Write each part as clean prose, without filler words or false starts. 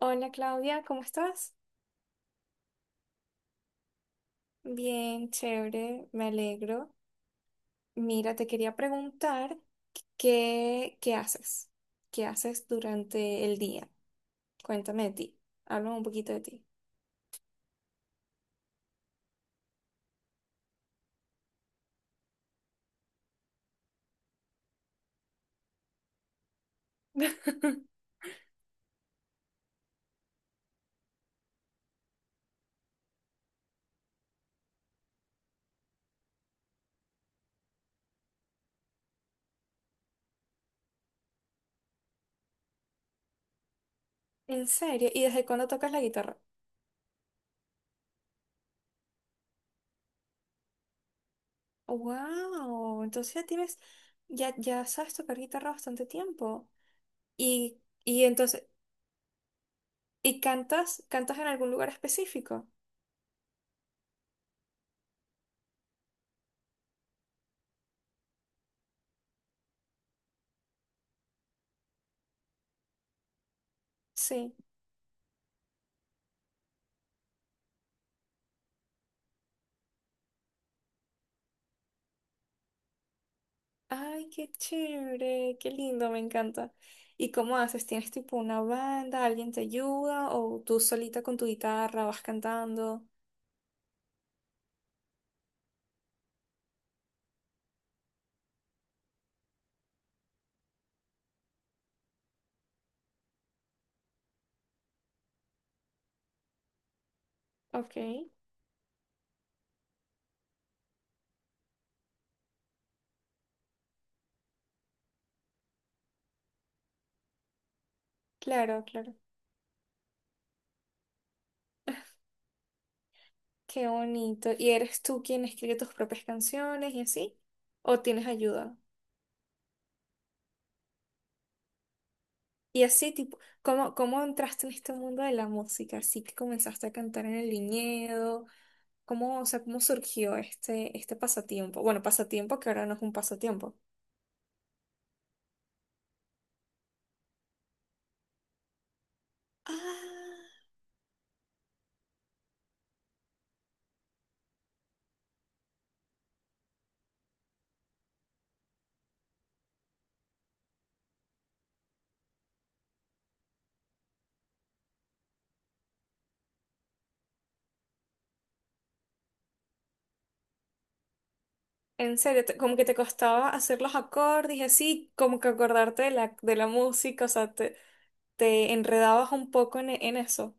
Hola, Claudia, ¿cómo estás? Bien, chévere, me alegro. Mira, te quería preguntar qué haces, qué haces durante el día. Cuéntame de ti, háblame un poquito de ti. ¿En serio? ¿Y desde cuándo tocas la guitarra? Wow, entonces ya tienes, ya sabes tocar guitarra bastante tiempo. Y, y entonces, ¿y cantas en algún lugar específico? Sí. Ay, qué chévere, qué lindo, me encanta. ¿Y cómo haces? ¿Tienes tipo una banda, alguien te ayuda o tú solita con tu guitarra vas cantando? Ok, claro, claro. Qué bonito. ¿Y eres tú quien escribe tus propias canciones y así? ¿O tienes ayuda? Y así, tipo, ¿cómo entraste en este mundo de la música? Así que comenzaste a cantar en el viñedo. ¿Cómo, o sea, cómo surgió este pasatiempo? Bueno, pasatiempo que ahora no es un pasatiempo. Ah. En serio, como que te costaba hacer los acordes y así, como que acordarte de la música, o sea, te enredabas un poco en eso.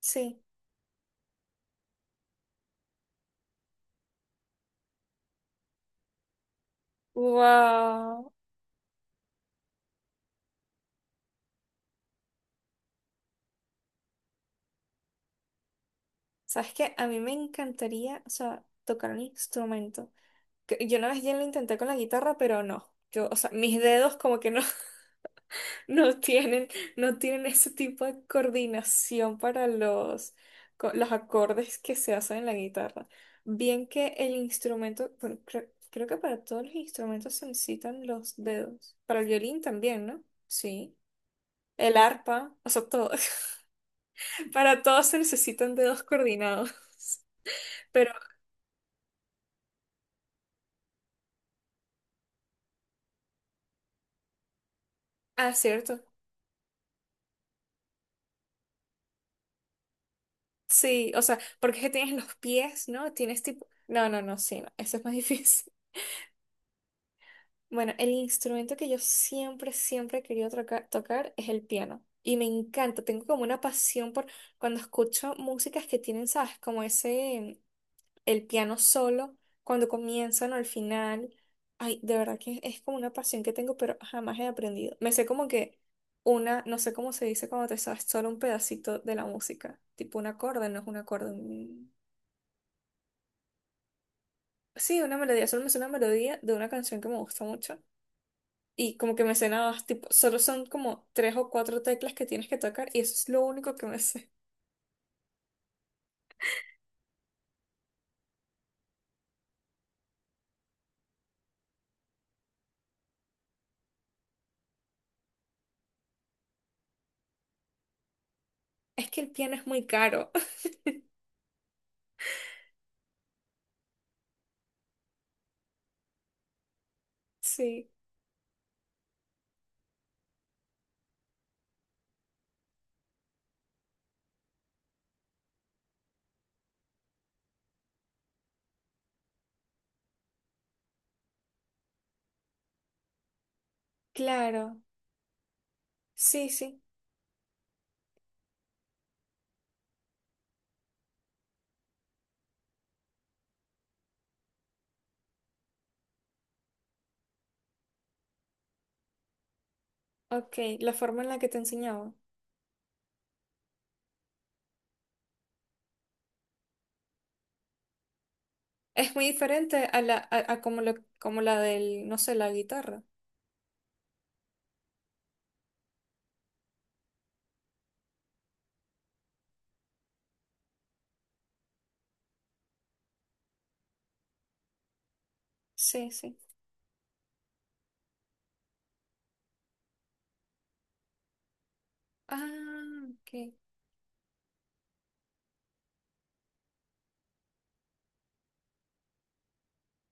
Sí. Wow. ¿Sabes qué? A mí me encantaría, o sea, tocar un instrumento. Yo una vez ya lo intenté con la guitarra, pero no. Yo, o sea, mis dedos como que no, no tienen, no tienen ese tipo de coordinación para los, los acordes que se hacen en la guitarra. Bien que el instrumento, bueno, creo que para todos los instrumentos se necesitan los dedos. Para el violín también, ¿no? Sí. El arpa, o sea, todo. Para todos se necesitan dedos coordinados. Pero, ah, cierto. Sí, o sea, porque es que tienes los pies, ¿no? Tienes tipo... No, no, no, sí, no. Eso es más difícil. Bueno, el instrumento que yo siempre he querido tocar es el piano. Y me encanta, tengo como una pasión por cuando escucho músicas que tienen, ¿sabes? Como ese, el piano solo, cuando comienzan o al final. Ay, de verdad que es como una pasión que tengo, pero jamás he aprendido. Me sé como que una, no sé cómo se dice cuando te sabes solo un pedacito de la música. Tipo un acorde, no es un acorde. Sí, una melodía, solo me sé una melodía de una canción que me gusta mucho. Y como que me sé nada más, tipo, solo son como tres o cuatro teclas que tienes que tocar y eso es lo único que me sé. Es que el piano es muy caro. Sí, claro. Sí, sí. Ok, la forma en la que te enseñaba. Es muy diferente a como la del, no sé, la guitarra. Sí, sí. Ah, ok.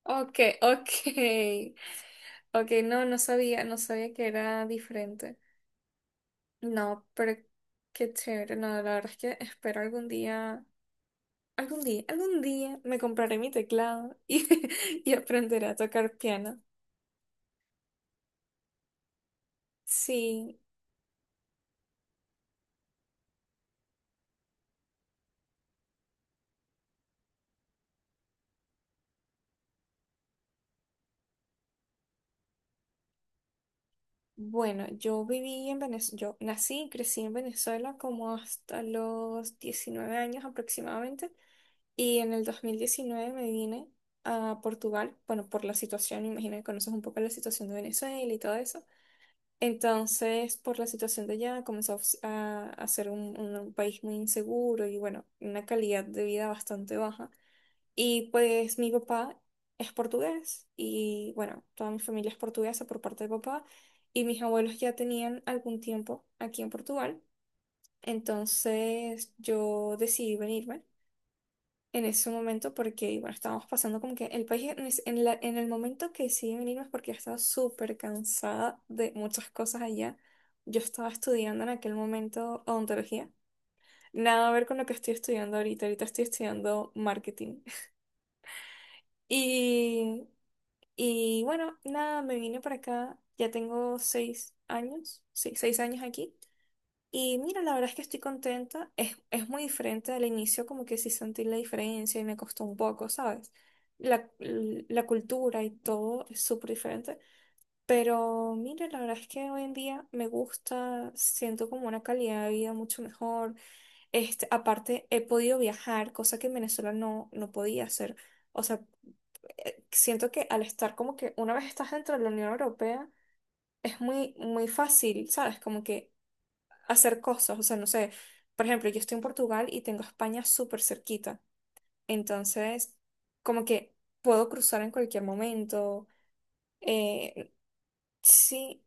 Ok, ok. Ok, no sabía, no sabía que era diferente. No, pero qué chévere. No, la verdad es que espero algún día. Algún día me compraré mi teclado y, y aprenderé a tocar piano. Sí, bueno, yo viví en Venezuela, yo nací y crecí en Venezuela como hasta los 19 años aproximadamente y en el 2019 me vine a Portugal, bueno, por la situación, imagino que conoces un poco la situación de Venezuela y todo eso. Entonces, por la situación de allá, comenzó a, s- a ser un país muy inseguro y bueno, una calidad de vida bastante baja. Y pues mi papá es portugués y bueno, toda mi familia es portuguesa por parte de papá y mis abuelos ya tenían algún tiempo aquí en Portugal. Entonces yo decidí venirme en ese momento porque bueno, estábamos pasando como que el país en, ese- en la- en el momento que decidí venirme es porque ya estaba súper cansada de muchas cosas allá. Yo estaba estudiando en aquel momento odontología. Nada a ver con lo que estoy estudiando ahorita. Ahorita estoy estudiando marketing. Y y bueno, nada, me vine para acá. Ya tengo seis años, sí, seis años aquí. Y mira, la verdad es que estoy contenta. Es muy diferente al inicio, como que sí sentí la diferencia y me costó un poco, ¿sabes? La cultura y todo es súper diferente. Pero mira, la verdad es que hoy en día me gusta, siento como una calidad de vida mucho mejor. Este, aparte, he podido viajar, cosa que en Venezuela no podía hacer. O sea, siento que al estar como que una vez estás dentro de la Unión Europea, es muy fácil, ¿sabes? Como que hacer cosas, o sea, no sé, por ejemplo, yo estoy en Portugal y tengo España súper cerquita, entonces como que puedo cruzar en cualquier momento. Eh, sí,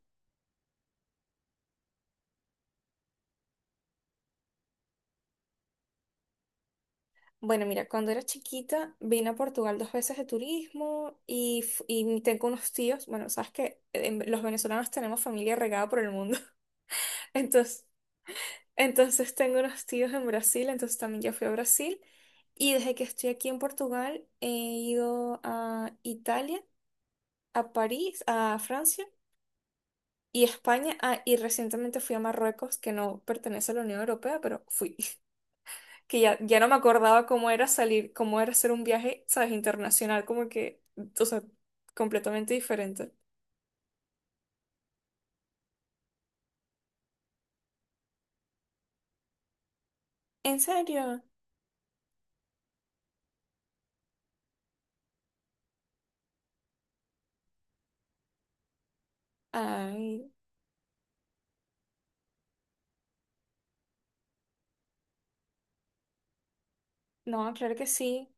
bueno, mira, cuando era chiquita vine a Portugal dos veces de turismo y y tengo unos tíos, bueno, sabes que los venezolanos tenemos familia regada por el mundo, entonces... Entonces tengo unos tíos en Brasil, entonces también ya fui a Brasil. Y desde que estoy aquí en Portugal he ido a Italia, a París, a Francia y España. Ah, y recientemente fui a Marruecos, que no pertenece a la Unión Europea, pero fui. Que ya no me acordaba cómo era salir, cómo era hacer un viaje, ¿sabes? Internacional, como que, o sea, completamente diferente. ¿En serio? Ay, no, claro que sí.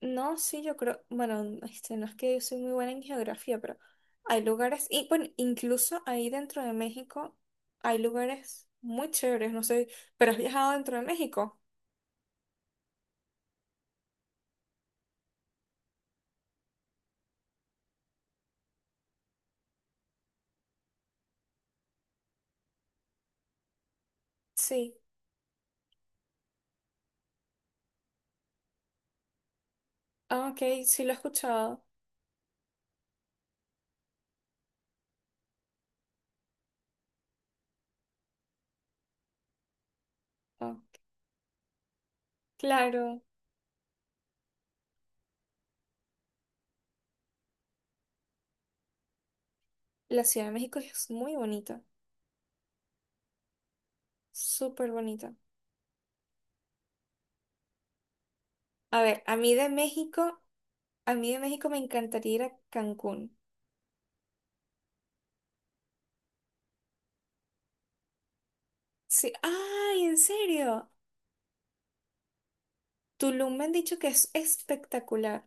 No, sí, yo creo, bueno, este, no es que yo soy muy buena en geografía, pero hay lugares, y bueno, incluso ahí dentro de México hay lugares muy chéveres, no sé, pero has viajado dentro de México. Sí, ah, ok, sí lo he escuchado. Ah, claro, la Ciudad de México es muy bonita, súper bonita. A ver, a mí de México me encantaría ir a Cancún. Sí, ay, ¿en serio? Tulum me han dicho que es espectacular.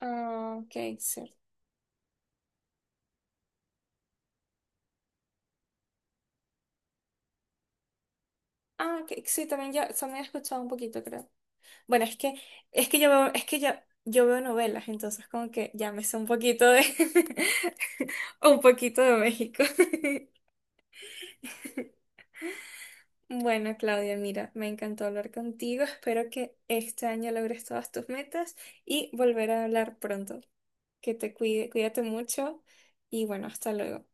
Ah, ok, sí. Ah, que, sí, también ya, también he escuchado un poquito, creo. Bueno, es que yo veo, es que ya, yo veo novelas, entonces como que ya me sé un poquito de, un poquito de México. Bueno, Claudia, mira, me encantó hablar contigo. Espero que este año logres todas tus metas y volver a hablar pronto. Que te cuide, cuídate mucho y bueno, hasta luego.